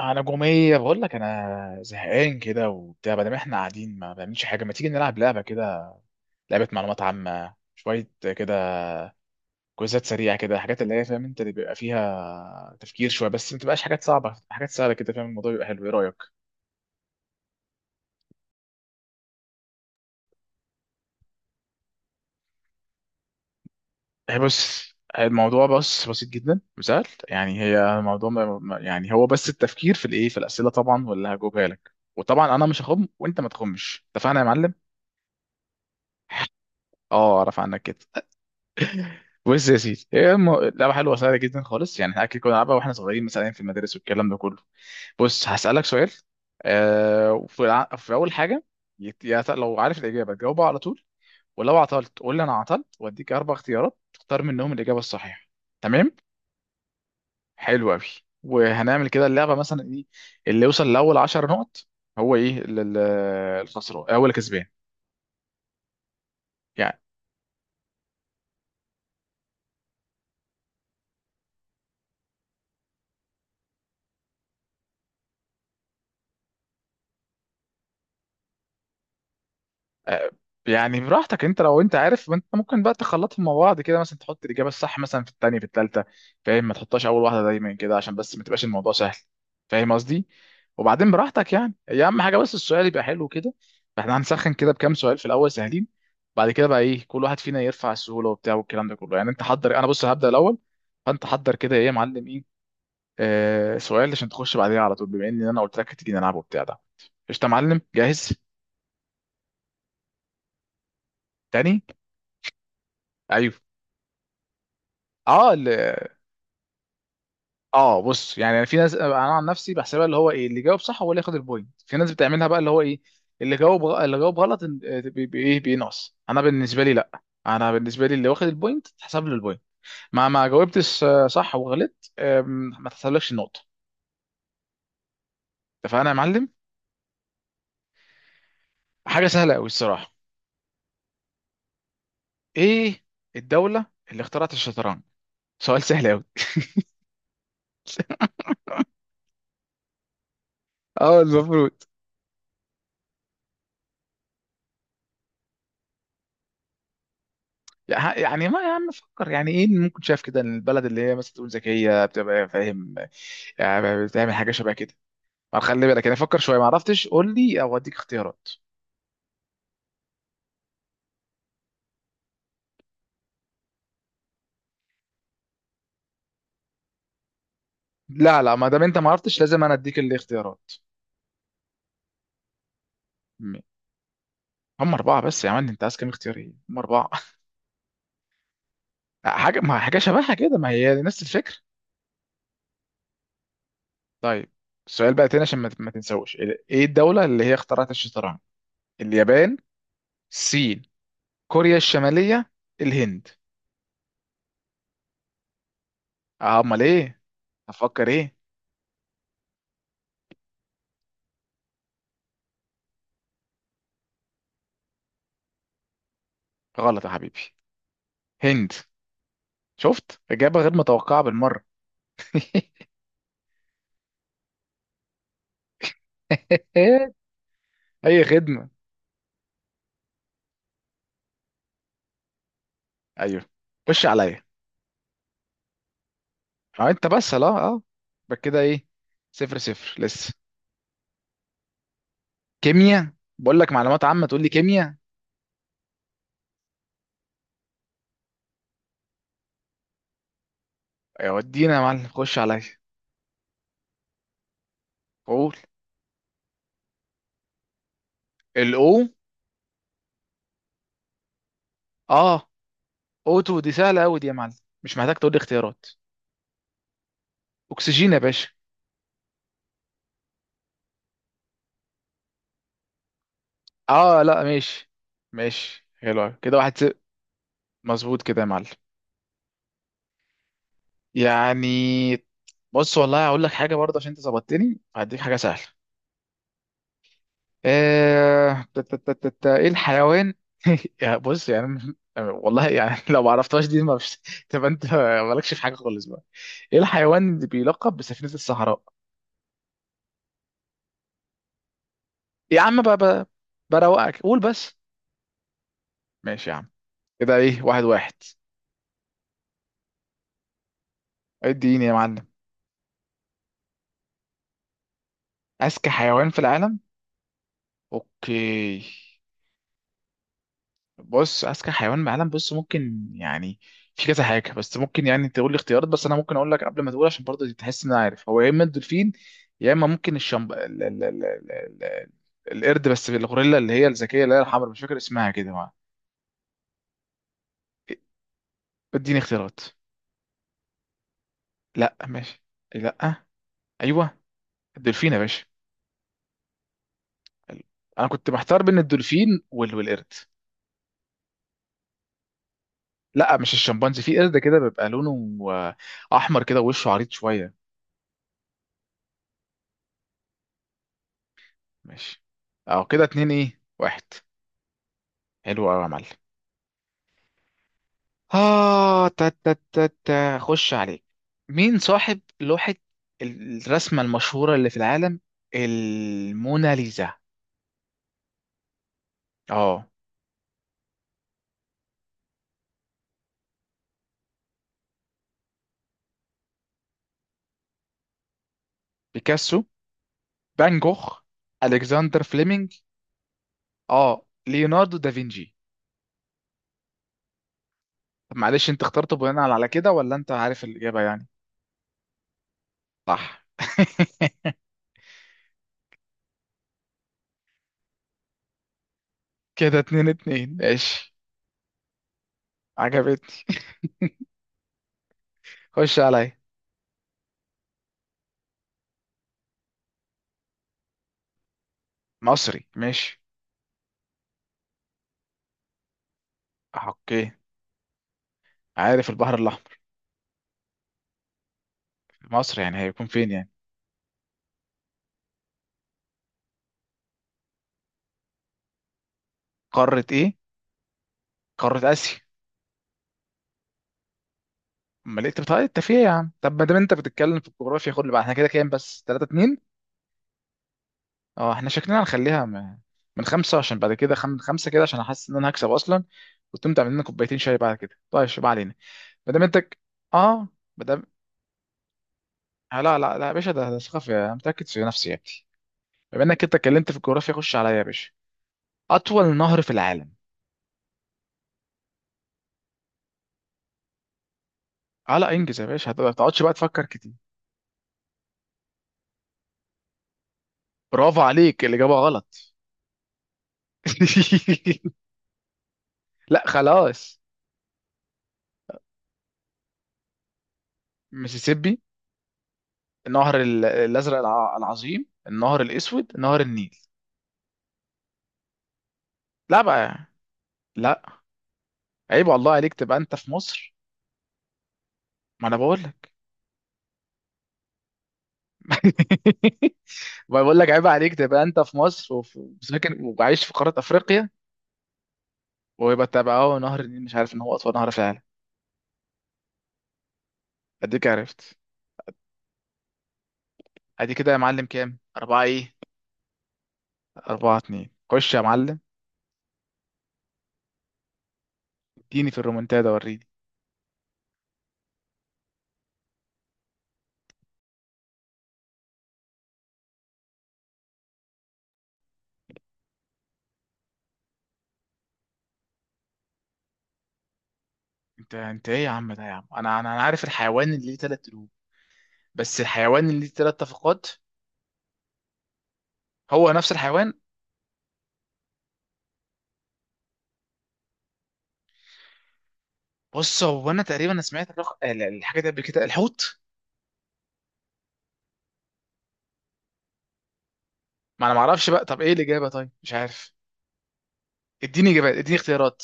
انا جوميه بقول لك انا زهقان كده وبتاع، بدل ما احنا قاعدين ما بنعملش حاجه، ما تيجي نلعب لعبه كده؟ لعبه معلومات عامه شويه كده. كويزات سريعه كده، حاجات اللي هي فاهم انت، اللي بيبقى فيها تفكير شويه بس ما تبقاش حاجات صعبه، حاجات سهله كده، فاهم؟ الموضوع بيبقى حلو. ايه رايك؟ إيه، بص. الموضوع بس بسيط جدا وسهل، يعني هي الموضوع يعني هو بس التفكير في الايه، في الاسئله طبعا، واللي هجاوبها لك. وطبعا انا مش هخم وانت ما تخمش، اتفقنا يا معلم؟ اه، اعرف عنك كده. بص يا سيدي، هي لعبه حلوه سهله جدا خالص. يعني احنا اكيد كنا بنلعبها واحنا صغيرين، مثلا في المدارس والكلام ده كله. بص هسالك سؤال. وفي في اول حاجه، لو عارف الاجابه تجاوبها على طول، ولو عطلت قول لي انا عطلت واديك اربع اختيارات تختار منهم الاجابه الصحيحه. تمام؟ حلو قوي. وهنعمل كده اللعبه مثلا ايه؟ اللي يوصل لاول 10 نقط هو ايه؟ الخسران اول كسبان. يعني آه، يعني براحتك انت. لو انت عارف، ما انت ممكن بقى تخلطهم مع بعض كده، مثلا تحط الاجابه الصح مثلا في الثانيه في الثالثه، فاهم؟ ما تحطهاش اول واحده دايما كده عشان بس ما تبقاش الموضوع سهل. فاهم قصدي؟ وبعدين براحتك، يعني هي اهم حاجه بس السؤال يبقى حلو كده. فاحنا هنسخن كده بكام سؤال في الاول سهلين. بعد كده بقى ايه، كل واحد فينا يرفع السهوله وبتاع، والكلام ده كله. يعني انت حضر، انا بص هبدا الاول. فانت حضر كده. ايه يا معلم، ايه؟ سؤال عشان تخش بعديها على طول، بما ان انا قلت لك هتيجي نلعب وبتاع ده. قشطه يا معلم، جاهز؟ تاني؟ ايوه. اه، اللي... اه بص، يعني أنا في ناس انا عن نفسي بحسبها اللي هو ايه، اللي جاوب صح هو اللي ياخد البوينت. في ناس بتعملها بقى اللي هو ايه، اللي جاوب غلط، ايه بينقص. انا بالنسبه لي لا، انا بالنسبه لي اللي واخد البوينت تحسب له البوينت. ما جاوبتش صح وغلطت، ما تحسبلكش النقطه. اتفقنا يا معلم؟ حاجه سهله قوي الصراحه. ايه الدوله اللي اخترعت الشطرنج؟ سؤال سهل قوي. اه، المفروض. يعني ما يا عم فكر، يعني ايه اللي ممكن شايف كده إن البلد اللي هي مثلا تقول ذكيه بتبقى، فاهم؟ يعني بتعمل حاجه شبه كده. ما خلي بالك، انا فكر شويه، ما عرفتش قول لي او اديك اختيارات. لا لا، ما دام انت ما عرفتش لازم انا اديك الاختيارات. م- هم اربعه بس يا عم، انت عايز كام اختيار؟ ايه، هم اربعه. حاجه ما حاجه شبهها كده، ما هي نفس الفكره. طيب، السؤال بقى تاني عشان ما تنساوش. ايه الدوله اللي هي اخترعت الشطرنج؟ اليابان، الصين، كوريا الشماليه، الهند. آه، امال ايه؟ هفكر ايه؟ غلط يا حبيبي. هند. شفت، إجابة غير متوقعة بالمرة. أي خدمة. أيوه. خش عليا. أه، أنت بس لا أه. يبقى كده إيه. 0-0 لسه. كيمياء؟ بقول لك معلومات عامة تقول لي كيمياء. يا ودينا يا معلم، خش عليا. قول. الأو... أه، أوتو دي سهلة أوي دي يا معلم. مش محتاج تقول لي اختيارات. أكسجين يا باشا. أه، لا ماشي. ماشي حلو أوي. كده 1-0. مظبوط كده يا معلم. يعني بص والله هقول لك حاجه برضه، عشان انت ظبطتني هديك حاجه سهله. آه، تا- تا- تا- تا- تا، ايه الحيوان... يا بص، يعني والله يعني، لو ما عرفتهاش دي ما فيش، تبقى انت مالكش في حاجه خالص بقى. ايه الحيوان اللي بيلقب بسفينه الصحراء؟ يا عم بقى بقى، بروقك قول بس. ماشي يا عم. كده ايه، 1-1. اديني يا معلم. اذكى حيوان في العالم. اوكي. بص، اذكى حيوان معلم، بص ممكن يعني في كذا حاجه. بس ممكن يعني تقول لي اختيارات، بس انا ممكن اقول لك قبل ما تقول عشان برضه تحس ان انا عارف. هو يا اما الدولفين، يا اما ممكن الشمب ال... ال... ال... ال... ال... القرد. بس الغوريلا اللي هي الذكيه، اللي هي الحمراء، مش فاكر اسمها كده، ما... اديني اختيارات. لا ماشي. لا. ايوه. الدولفين يا باشا. ال- انا كنت محتار بين الدولفين والقرد. لا مش الشمبانزي. في قرد كده بيبقى لونه احمر كده، ووشه عريض شويه. ماشي. اه كده اتنين، ايه، واحد. حلو قوي يا معلم. اه، تا تا تا تا خش عليك. مين صاحب لوحة الرسمة المشهورة اللي في العالم، الموناليزا؟ اه، بيكاسو، فان جوخ، الكسندر فليمنج، اه، ليوناردو دافنشي. طب معلش، انت اخترته بناء على كده ولا انت عارف الإجابة يعني؟ صح. كده 2-2، ماشي. عجبتني. خش عليا. مصري، ماشي. اوكي. عارف البحر الأحمر. مصر يعني، هيكون فين يعني. قارة ايه؟ قارة آسيا. امال إيه؟ طب طيب، انت فيها يا عم. طب ما دام انت بتتكلم في الجغرافيا، خد اللي بقى. احنا كده كام؟ بس 3-2. اه احنا شكلنا هنخليها من خمسة، عشان بعد كده خمسة كده عشان احس ان انا هكسب اصلا، وتقوم تعمل لنا كوبايتين شاي بعد كده. طيب شو بقى علينا. ما دام انت ك- اه، ما دام، لا لا لا يا باشا، ده ثقافة، انا متأكد في نفسي يا ابني. بما انك انت اتكلمت في الجغرافيا خش عليا يا باشا. اطول نهر في العالم. اه لا، انجز يا باشا، ما تقعدش بقى تفكر كتير. برافو عليك، الإجابة غلط. لا خلاص. ميسيسيبي، النهر الازرق العظيم، النهر الاسود، نهر النيل. لا بقى. لا. عيب والله عليك تبقى انت في مصر. ما انا بقول لك. ما بقول لك عيب عليك تبقى انت في مصر، وفي ساكن وعايش في قاره افريقيا. ويبقى تبقى اهو نهر النيل مش عارف ان هو اطول نهر في العالم. اديك عرفت. ادي كده يا معلم، كام؟ أربعة ايه. 4-2، خش يا معلم. اديني في الرومنتادا وريني. انت ايه يا عم ده يا عم، انا انا أنا عارف الحيوان اللي ليه تلات قلوب. بس الحيوان اللي ليه تلات تفقات؟ هو نفس الحيوان. بص هو انا تقريبا سمعت الحاجه دي قبل كده، الحوت. ما انا ما اعرفش بقى. طب ايه الاجابه؟ طيب مش عارف. اديني اجابات، اديني اختيارات.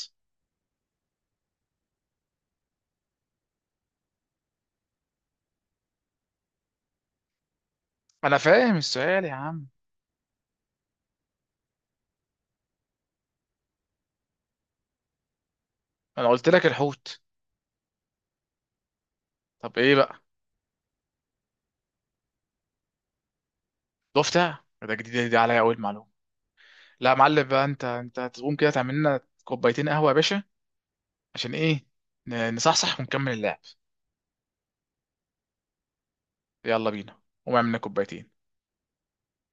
انا فاهم السؤال يا عم. انا قلت لك الحوت. طب ايه بقى؟ ضفدع؟ ده جديد، دي عليا اول معلومه. لا يا معلم بقى، انت هتقوم كده تعمل لنا كوبايتين قهوه يا باشا. عشان ايه؟ نصحصح ونكمل اللعب. يلا بينا، قوم اعمل لنا كوبايتين.